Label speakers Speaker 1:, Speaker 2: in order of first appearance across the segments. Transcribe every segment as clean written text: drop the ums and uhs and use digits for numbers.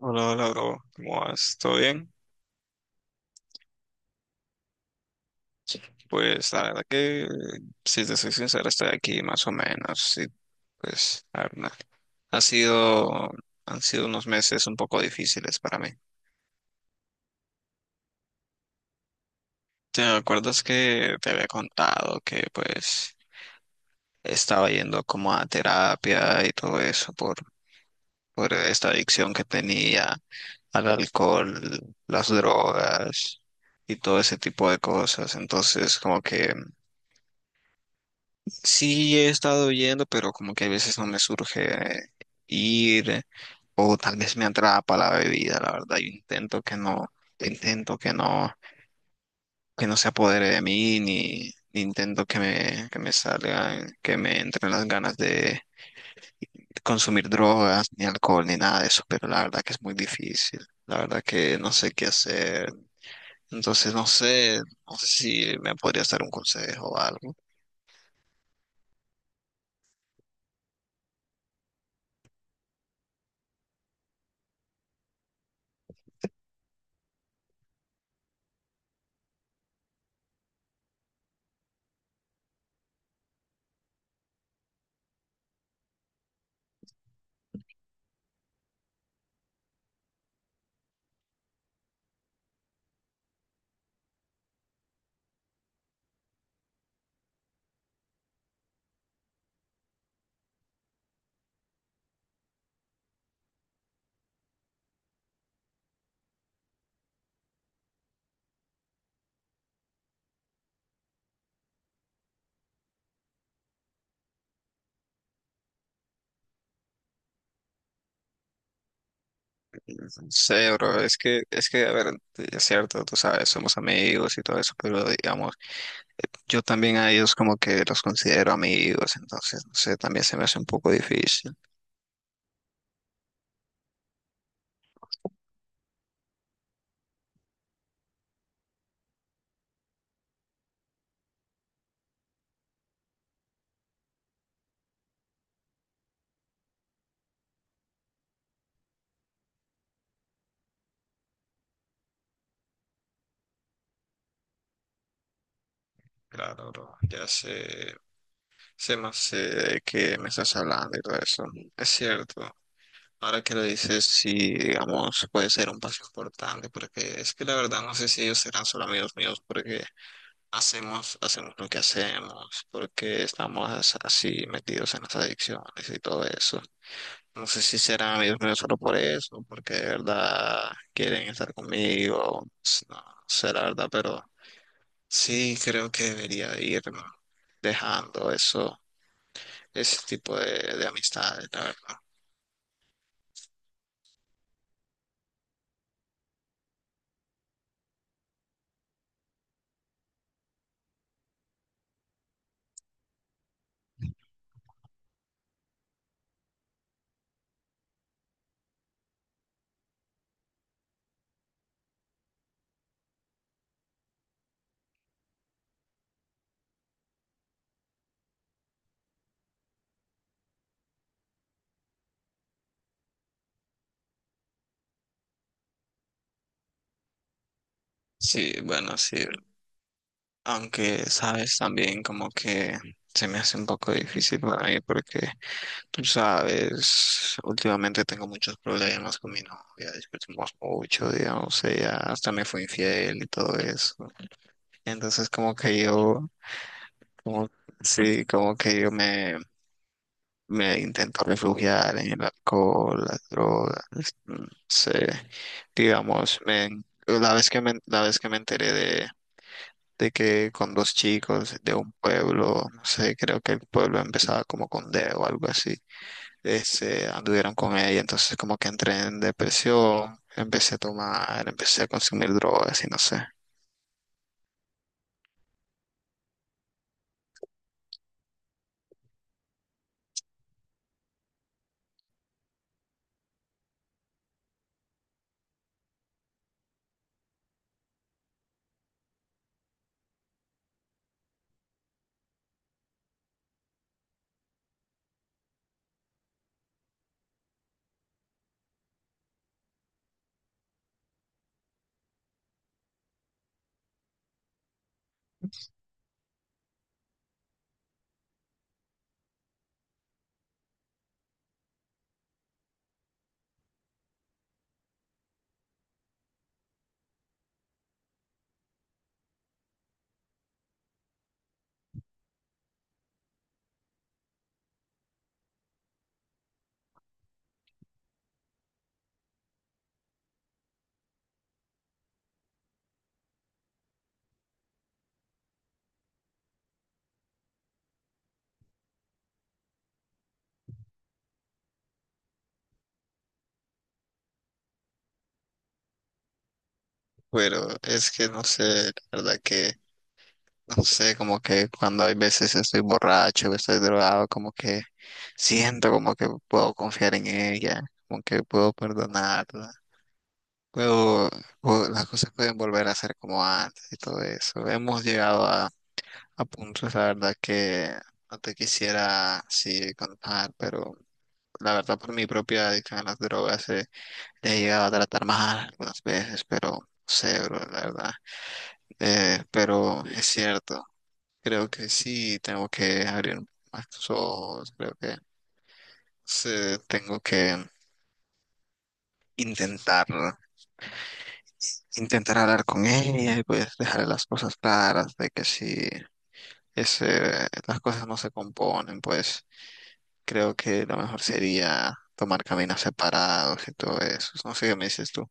Speaker 1: Hola, hola, bro. ¿Cómo vas? ¿Todo bien? Pues la verdad que, si te soy sincero, estoy aquí más o menos. Sí, pues, la verdad, ha sido, han sido unos meses un poco difíciles para mí. ¿Te acuerdas que te había contado que pues estaba yendo como a terapia y todo eso por esta adicción que tenía al alcohol, las drogas y todo ese tipo de cosas? Entonces, como que sí, he estado yendo, pero como que a veces no me surge ir o tal vez me atrapa la bebida, la verdad. Yo intento que no se apodere de mí, ni, ni intento que me salgan, que me entren las ganas de consumir drogas, ni alcohol, ni nada de eso, pero la verdad que es muy difícil. La verdad que no sé qué hacer. Entonces no sé, no sé si me podría dar un consejo o algo. No sé, bro, es que, a ver, es cierto, tú sabes, somos amigos y todo eso, pero digamos, yo también a ellos como que los considero amigos, entonces, no sé, también se me hace un poco difícil. Claro, bro. Ya sé, sé más sé de qué me estás hablando y todo eso. Es cierto. Ahora que lo dices, sí, digamos, puede ser un paso importante, porque es que la verdad no sé si ellos serán solo amigos míos, porque hacemos lo que hacemos porque estamos así metidos en las adicciones y todo eso. No sé si serán amigos míos solo por eso, porque de verdad quieren estar conmigo. No sé la verdad, pero sí creo que debería de ir dejando eso, ese tipo de amistades, la verdad. Sí, bueno, sí. Aunque, sabes, también como que se me hace un poco difícil para mí porque tú sabes, últimamente tengo muchos problemas con mi novia, discutimos mucho, digamos, ella hasta me fue infiel y todo eso. Entonces como que yo, como, sí, como que yo me, me intento refugiar en el alcohol, las drogas, sí, digamos, me, la vez que me enteré de que con dos chicos de un pueblo, no sé, creo que el pueblo empezaba como con D o algo así, este, anduvieron con ella, entonces como que entré en depresión, empecé a tomar, empecé a consumir drogas y no sé. Pero es que no sé, la verdad que no sé, como que cuando hay veces estoy borracho, estoy drogado, como que siento como que puedo confiar en ella, como que puedo perdonarla, puedo, puedo- las cosas pueden volver a ser como antes y todo eso. Hemos llegado a puntos, la verdad, que no te quisiera así contar, pero la verdad por mi propia adicción a las drogas le he llegado a tratar mal algunas veces, pero no sé, bro, la verdad. Pero es cierto. Creo que sí, tengo que abrir más los ojos, creo que sí, tengo que intentar, intentar hablar con ella y pues dejarle las cosas claras de que si ese, las cosas no se componen, pues creo que lo mejor sería tomar caminos separados y todo eso. No sé qué me dices tú.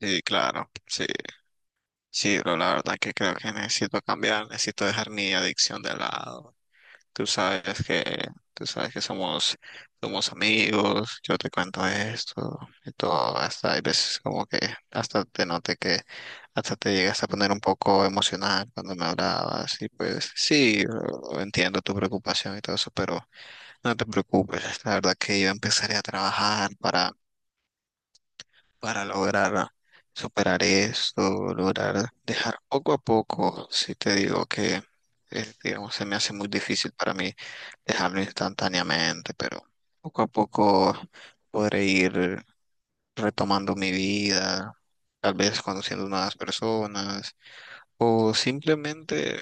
Speaker 1: Sí, claro, sí, sí, pero la verdad que creo que necesito cambiar, necesito dejar mi adicción de lado. Tú sabes que, tú sabes que somos, somos amigos, yo te cuento esto y todo, hasta hay veces como que hasta te noté que hasta te llegas a poner un poco emocional cuando me hablabas y pues sí, entiendo tu preocupación y todo eso, pero no te preocupes, la verdad que yo empezaré a trabajar para lograr superar esto, lograr dejar poco a poco, si te digo que, digamos, se me hace muy difícil para mí dejarlo instantáneamente, pero poco a poco podré ir retomando mi vida, tal vez conociendo nuevas personas o simplemente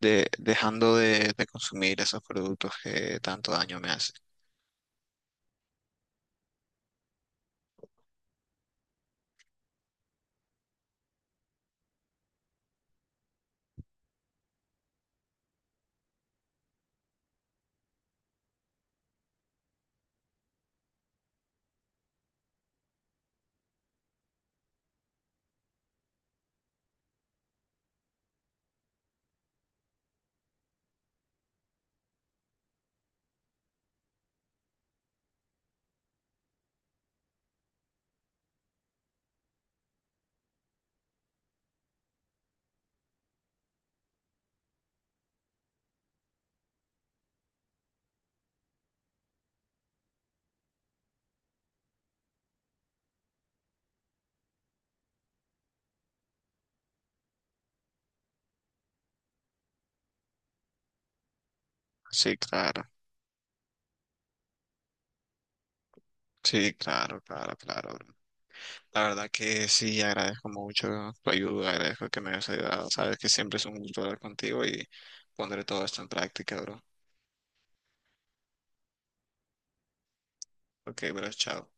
Speaker 1: dejando de consumir esos productos que tanto daño me hacen. Sí, claro, sí, claro, claro, claro. La verdad que sí, agradezco mucho tu ayuda, agradezco que me hayas ayudado. Sabes que siempre es un gusto hablar contigo y pondré todo esto en práctica, bro. Ok, bro, chao.